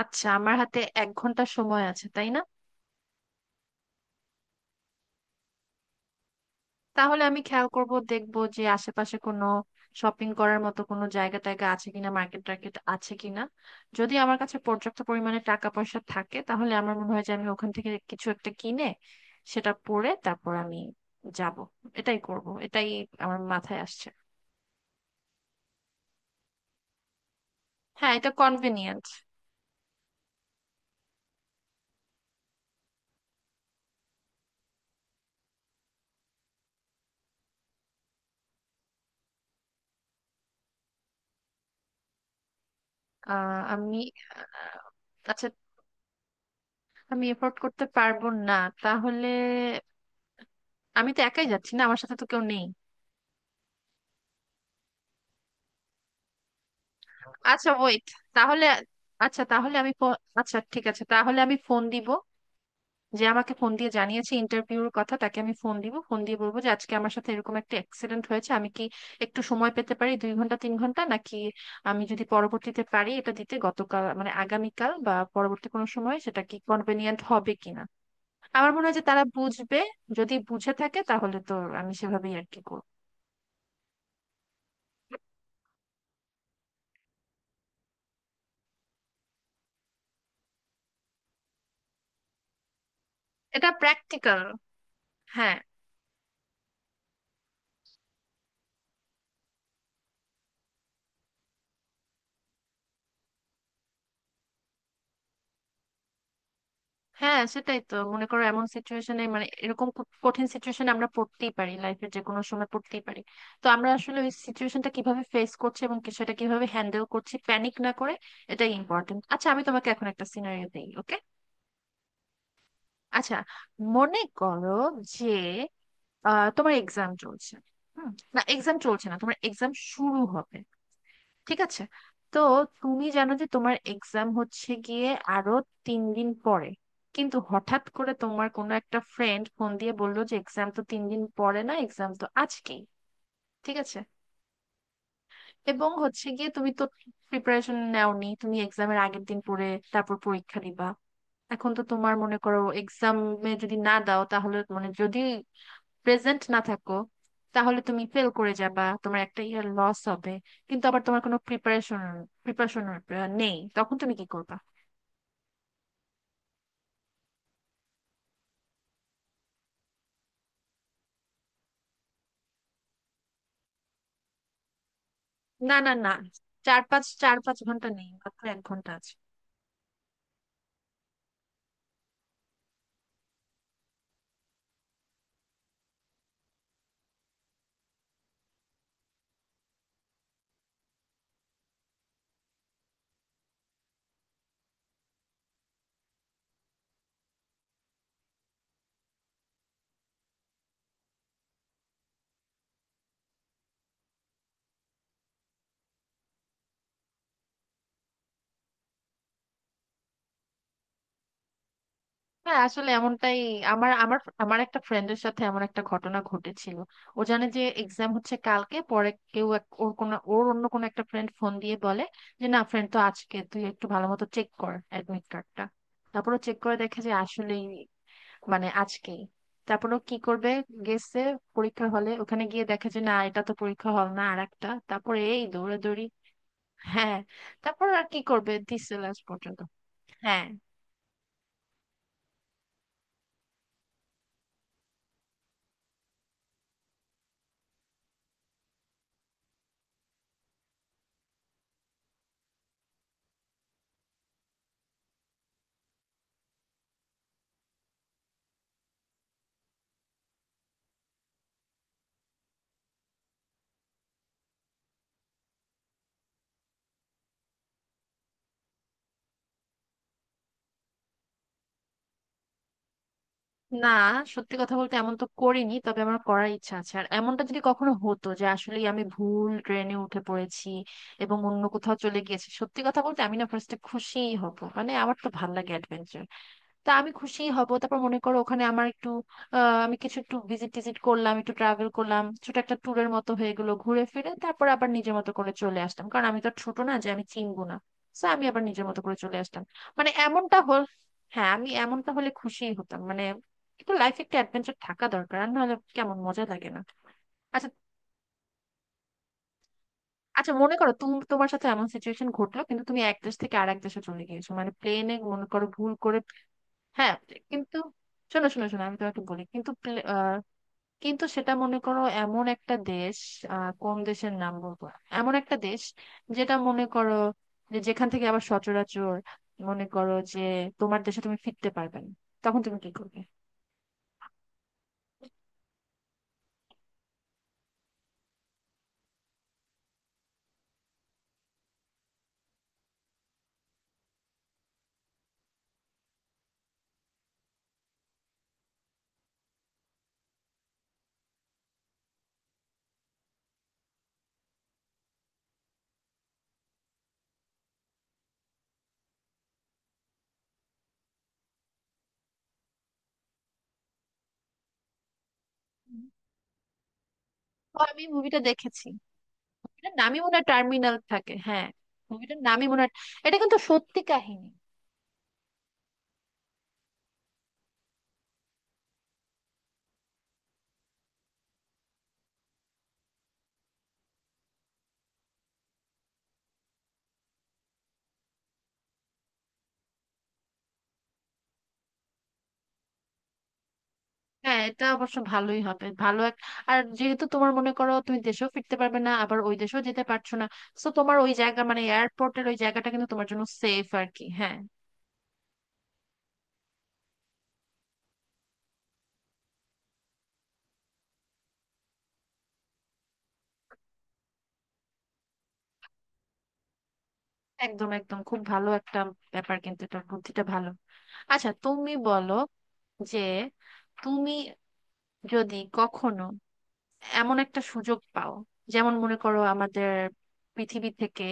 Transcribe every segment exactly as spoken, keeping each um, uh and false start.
আচ্ছা, আমার হাতে এক ঘন্টা সময় আছে, তাই না? তাহলে আমি খেয়াল করব, দেখব যে আশেপাশে কোনো শপিং করার মতো কোনো জায়গা টায়গা আছে কিনা, মার্কেট টার্কেট আছে কিনা। যদি আমার কাছে পর্যাপ্ত পরিমাণে টাকা পয়সা থাকে, তাহলে আমার মনে হয় যে আমি ওখান থেকে কিছু একটা কিনে সেটা পরে তারপর আমি যাব। এটাই করব, এটাই আমার মাথায় আসছে। হ্যাঁ, এটা কনভিনিয়েন্ট। আহ আমি আহ, আচ্ছা, আমি এফোর্ট করতে পারবো না তাহলে। আমি তো একাই যাচ্ছি না, আমার সাথে তো কেউ নেই। আচ্ছা, ওয়েট। তাহলে আচ্ছা, তাহলে আমি ফো- আচ্ছা ঠিক আছে, তাহলে আমি ফোন দিব। যে আমাকে ফোন দিয়ে জানিয়েছে ইন্টারভিউর কথা, তাকে আমি ফোন দিব, ফোন দিয়ে বলবো যে আজকে আমার সাথে এরকম একটা অ্যাক্সিডেন্ট হয়েছে, আমি কি একটু সময় পেতে পারি? দুই ঘন্টা তিন ঘন্টা নাকি আমি যদি পরবর্তীতে পারি এটা দিতে, গতকাল মানে আগামীকাল বা পরবর্তী কোনো সময়, সেটা কি কনভেনিয়েন্ট হবে কিনা। আমার মনে হয় যে তারা বুঝবে। যদি বুঝে থাকে তাহলে তো আমি সেভাবেই আর কি করবো। এটা প্র্যাকটিক্যাল। হ্যাঁ, হ্যাঁ, সেটাই তো। মনে করো এমন সিচুয়েশনে, মানে এরকম খুব কঠিন সিচুয়েশনে আমরা পড়তেই পারি, লাইফের যে কোনো সময় পড়তেই পারি। তো আমরা আসলে ওই সিচুয়েশনটা কিভাবে ফেস করছি এবং কি- সেটা কিভাবে হ্যান্ডেল করছি প্যানিক না করে, এটাই ইম্পর্টেন্ট। আচ্ছা, আমি তোমাকে এখন একটা সিনারিও দিই, ওকে? আচ্ছা, মনে করো যে আহ, তোমার এক্সাম চলছে। হুম, না এক্সাম চলছে না, তোমার এক্সাম শুরু হবে। ঠিক আছে? তো তুমি জানো যে তোমার এক্সাম হচ্ছে গিয়ে আরো তিন দিন পরে। কিন্তু হঠাৎ করে তোমার কোনো একটা ফ্রেন্ড ফোন দিয়ে বললো যে এক্সাম তো তিন দিন পরে না, এক্সাম তো আজকেই। ঠিক আছে? এবং হচ্ছে গিয়ে, তুমি তো প্রিপারেশন নেওনি, তুমি এক্সামের আগের দিন পরে তারপর পরীক্ষা দিবা। এখন তো তোমার, মনে করো, এক্সামে যদি না দাও, তাহলে মানে যদি প্রেজেন্ট না থাকো, তাহলে তুমি ফেল করে যাবা, তোমার একটা ইয়ার লস হবে। কিন্তু আবার তোমার কোনো প্রিপারেশন প্রিপারেশন নেই, তখন তুমি কি করবা? না, না, না, চার পাঁচ চার পাঁচ ঘন্টা নেই, মাত্র এক ঘন্টা আছে। হ্যাঁ, আসলে এমনটাই। আমার আমার আমার একটা ফ্রেন্ডের সাথে এমন একটা ঘটনা ঘটেছিল। ও জানে যে এক্সাম হচ্ছে কালকে, পরে কেউ এক- ওর কোনো ওর অন্য কোনো একটা ফ্রেন্ড ফোন দিয়ে বলে যে না ফ্রেন্ড, তো আজকে তুই একটু ভালো মতো চেক কর অ্যাডমিট কার্ডটা। তারপরে চেক করে দেখে যে আসলেই মানে আজকেই। তারপর ও কি করবে? গেছে পরীক্ষা হলে, ওখানে গিয়ে দেখে যে না, এটা তো পরীক্ষা হল না, আর একটা। তারপরে এই দৌড়াদৌড়ি। হ্যাঁ। তারপর আর কি করবে, দিছে লাস্ট পর্যন্ত। হ্যাঁ। না, সত্যি কথা বলতে এমন তো করিনি, তবে আমার করার ইচ্ছা আছে। আর এমনটা যদি কখনো হতো যে আসলে আমি ভুল ট্রেনে উঠে পড়েছি এবং অন্য কোথাও চলে গিয়েছি, সত্যি কথা বলতে আমি না ফার্স্টে খুশিই হব। মানে আমার তো ভাল লাগে অ্যাডভেঞ্চার। তা আমি খুশি হব। তারপর মনে করো ওখানে আমার একটু আহ, আমি কিছু একটু ভিজিট টিজিট করলাম, একটু ট্রাভেল করলাম, ছোট একটা ট্যুরের মতো হয়ে গেলো ঘুরে ফিরে, তারপর আবার নিজের মতো করে চলে আসলাম, কারণ আমি তো আর ছোট না যে আমি চিনবো না। তো আমি আবার নিজের মতো করে চলে আসলাম। মানে এমনটা হল, হ্যাঁ, আমি এমনটা হলে খুশিই হতাম। মানে একটু লাইফে একটা অ্যাডভেঞ্চার থাকা দরকার, আর নাহলে কেমন মজা লাগে না। আচ্ছা, আচ্ছা, মনে করো তুমি, তোমার সাথে এমন সিচুয়েশন ঘটলো, কিন্তু তুমি এক দেশ থেকে আরেক দেশে চলে গিয়েছো, মানে প্লেনে, মনে করো, ভুল করে। হ্যাঁ। কিন্তু শোনো, শোনো, শোনো, আমি তোমাকে বলি, কিন্তু প্লে- আহ, কিন্তু সেটা মনে করো এমন একটা দেশ, আহ, কোন দেশের নাম বলবো, এমন একটা দেশ যেটা মনে করো যে, যেখান থেকে আবার সচরাচর, মনে করো যে তোমার দেশে তুমি ফিরতে পারবে না, তখন তুমি কি করবে? ও, আমি মুভিটা দেখেছি। মুভিটার নামই মনে হয় টার্মিনাল থাকে, হ্যাঁ। মুভিটার নামই মনে হয়। এটা কিন্তু সত্যি কাহিনী। হ্যাঁ, এটা অবশ্য ভালোই হবে, ভালো এক। আর যেহেতু তোমার, মনে করো, তুমি দেশেও ফিরতে পারবে না আবার ওই দেশেও যেতে পারছো না, তো তোমার ওই জায়গা মানে এয়ারপোর্টের ওই জায়গাটা কিন্তু তোমার জন্য সেফ আর কি, হ্যাঁ। একদম, একদম, খুব ভালো একটা ব্যাপার কিন্তু এটা, বুদ্ধিটা ভালো। আচ্ছা, তুমি বলো যে তুমি যদি কখনো এমন একটা সুযোগ পাও, যেমন মনে করো আমাদের পৃথিবী থেকে,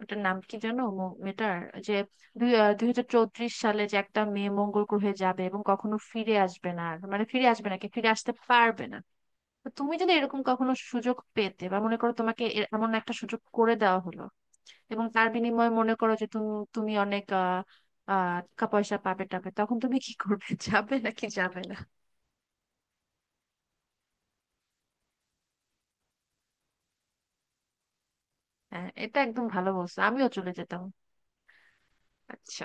ওটার নাম কি জানো, মো- মেয়েটার যে দুই হাজার চৌত্রিশ সালে যে একটা মেয়ে মঙ্গল গ্রহে যাবে এবং কখনো ফিরে আসবে না, আর মানে ফিরে আসবে না কি ফিরে আসতে পারবে না। তো তুমি যদি এরকম কখনো সুযোগ পেতে, বা মনে করো তোমাকে এ- এমন একটা সুযোগ করে দেওয়া হলো, এবং তার বিনিময়ে মনে করো যে তুমি, তুমি অনেক আহ আহ, টাকা পয়সা পাবে টাবে, তখন তুমি কি করবে? যাবে নাকি যাবে না? হ্যাঁ, এটা একদম ভালো বলছো, আমিও চলে যেতাম। আচ্ছা,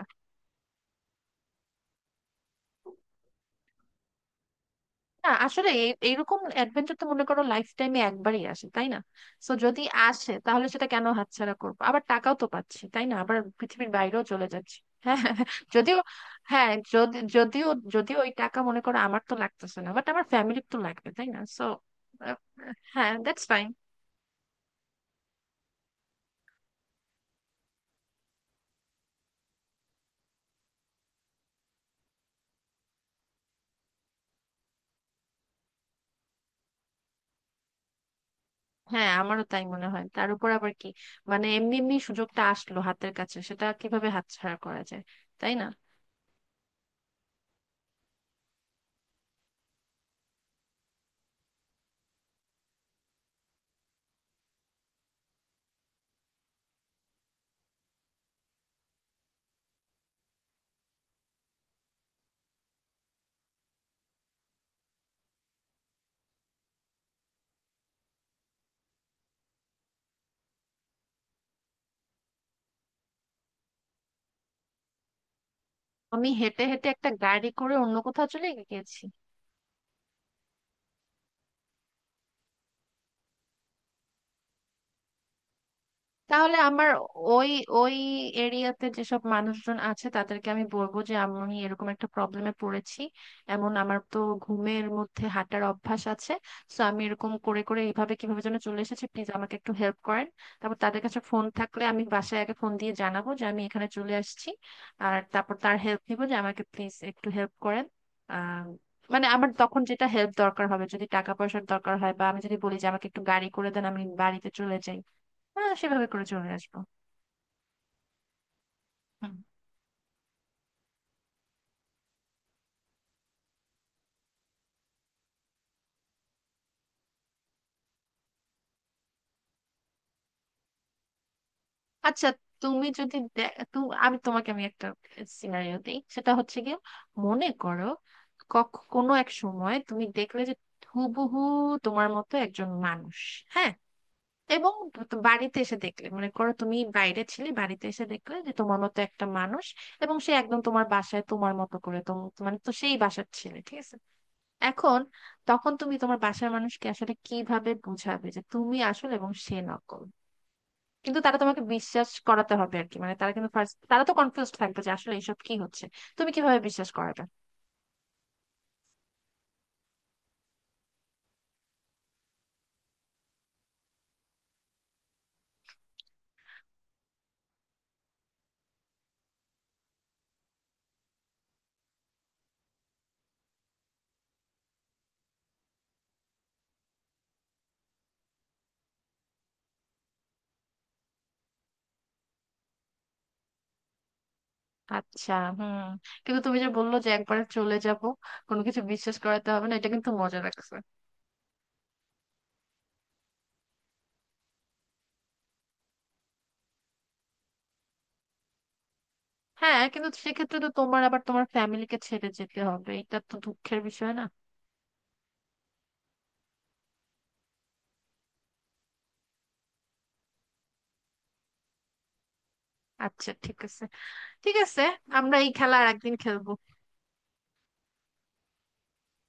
না আসলে এই- এইরকম অ্যাডভেঞ্চার তো মনে করো লাইফ টাইমে একবারই আসে, তাই না? তো যদি আসে, তাহলে সেটা কেন হাতছাড়া করবো? আবার টাকাও তো পাচ্ছি, তাই না, আবার পৃথিবীর বাইরেও চলে যাচ্ছি। হ্যাঁ, যদিও, হ্যাঁ যদি, যদিও যদিও ওই টাকা, মনে করো, আমার তো লাগতেছে না, বাট আমার ফ্যামিলির তো লাগবে, তাই না, সো হ্যাঁ, দ্যাটস ফাইন। হ্যাঁ, আমারও তাই মনে হয়, তার উপর আবার কি, মানে এমনি এমনি সুযোগটা আসলো হাতের কাছে, সেটা কিভাবে হাতছাড়া করা যায়, তাই না? আমি হেঁটে হেঁটে একটা গাড়ি করে অন্য কোথাও চলে গেছি? তাহলে আমার, ওই ওই এরিয়াতে যেসব মানুষজন আছে তাদেরকে আমি বলবো যে আমি এরকম একটা প্রবলেমে পড়েছি, এমন আমার তো ঘুমের মধ্যে হাঁটার অভ্যাস আছে, সো আমি এরকম করে করে এইভাবে কিভাবে যেন চলে এসেছি, প্লিজ আমাকে একটু হেল্প করেন। তারপর তাদের কাছে ফোন থাকলে আমি বাসায় আগে ফোন দিয়ে জানাবো যে আমি এখানে চলে আসছি। আর তারপর তার হেল্প নিবো যে আমাকে প্লিজ একটু হেল্প করেন। আহ মানে আমার তখন যেটা হেল্প দরকার হবে, যদি টাকা পয়সার দরকার হয়, বা আমি যদি বলি যে আমাকে একটু গাড়ি করে দেন, আমি বাড়িতে চলে যাই। হ্যাঁ, সেভাবে করে চলে আসবো। হুম। আচ্ছা, তুমি যদি দে- তু- আমি তোমাকে আমি একটা সিনারিও দিই, সেটা হচ্ছে গিয়ে, মনে করো কখ- কোনো এক সময় তুমি দেখলে যে হুবহু তোমার মতো একজন মানুষ, হ্যাঁ, এবং তো বাড়িতে এসে দেখলে, মনে করো তুমি বাইরে ছিলে, বাড়িতে এসে দেখলে যে তোমার মতো একটা মানুষ, এবং সে একদম তোমার বাসায় তোমার মতো করে তোম- মানে তো সেই বাসার ছেলে, ঠিক আছে? এখন তখন তুমি তোমার বাসার মানুষকে আসলে কিভাবে বুঝাবে যে তুমি আসল এবং সে নকল? কিন্তু তারা, তোমাকে বিশ্বাস করাতে হবে আর কি, মানে তারা কিন্তু ফার্স্ট, তারা তো কনফিউজড থাকবে যে আসলে এইসব কি হচ্ছে। তুমি কিভাবে বিশ্বাস করাবে? আচ্ছা, হুম, কিন্তু তুমি যে বললো যে একবার চলে যাব, কোনো কিছু বিশ্বাস করাতে হবে না, এটা কিন্তু মজা লাগছে। হ্যাঁ, কিন্তু সেক্ষেত্রে তো তোমার আবার তোমার ফ্যামিলিকে ছেড়ে যেতে হবে, এটা তো দুঃখের বিষয় না? আচ্ছা, ঠিক আছে, ঠিক আছে, আমরা এই খেলা আর একদিন খেলবো।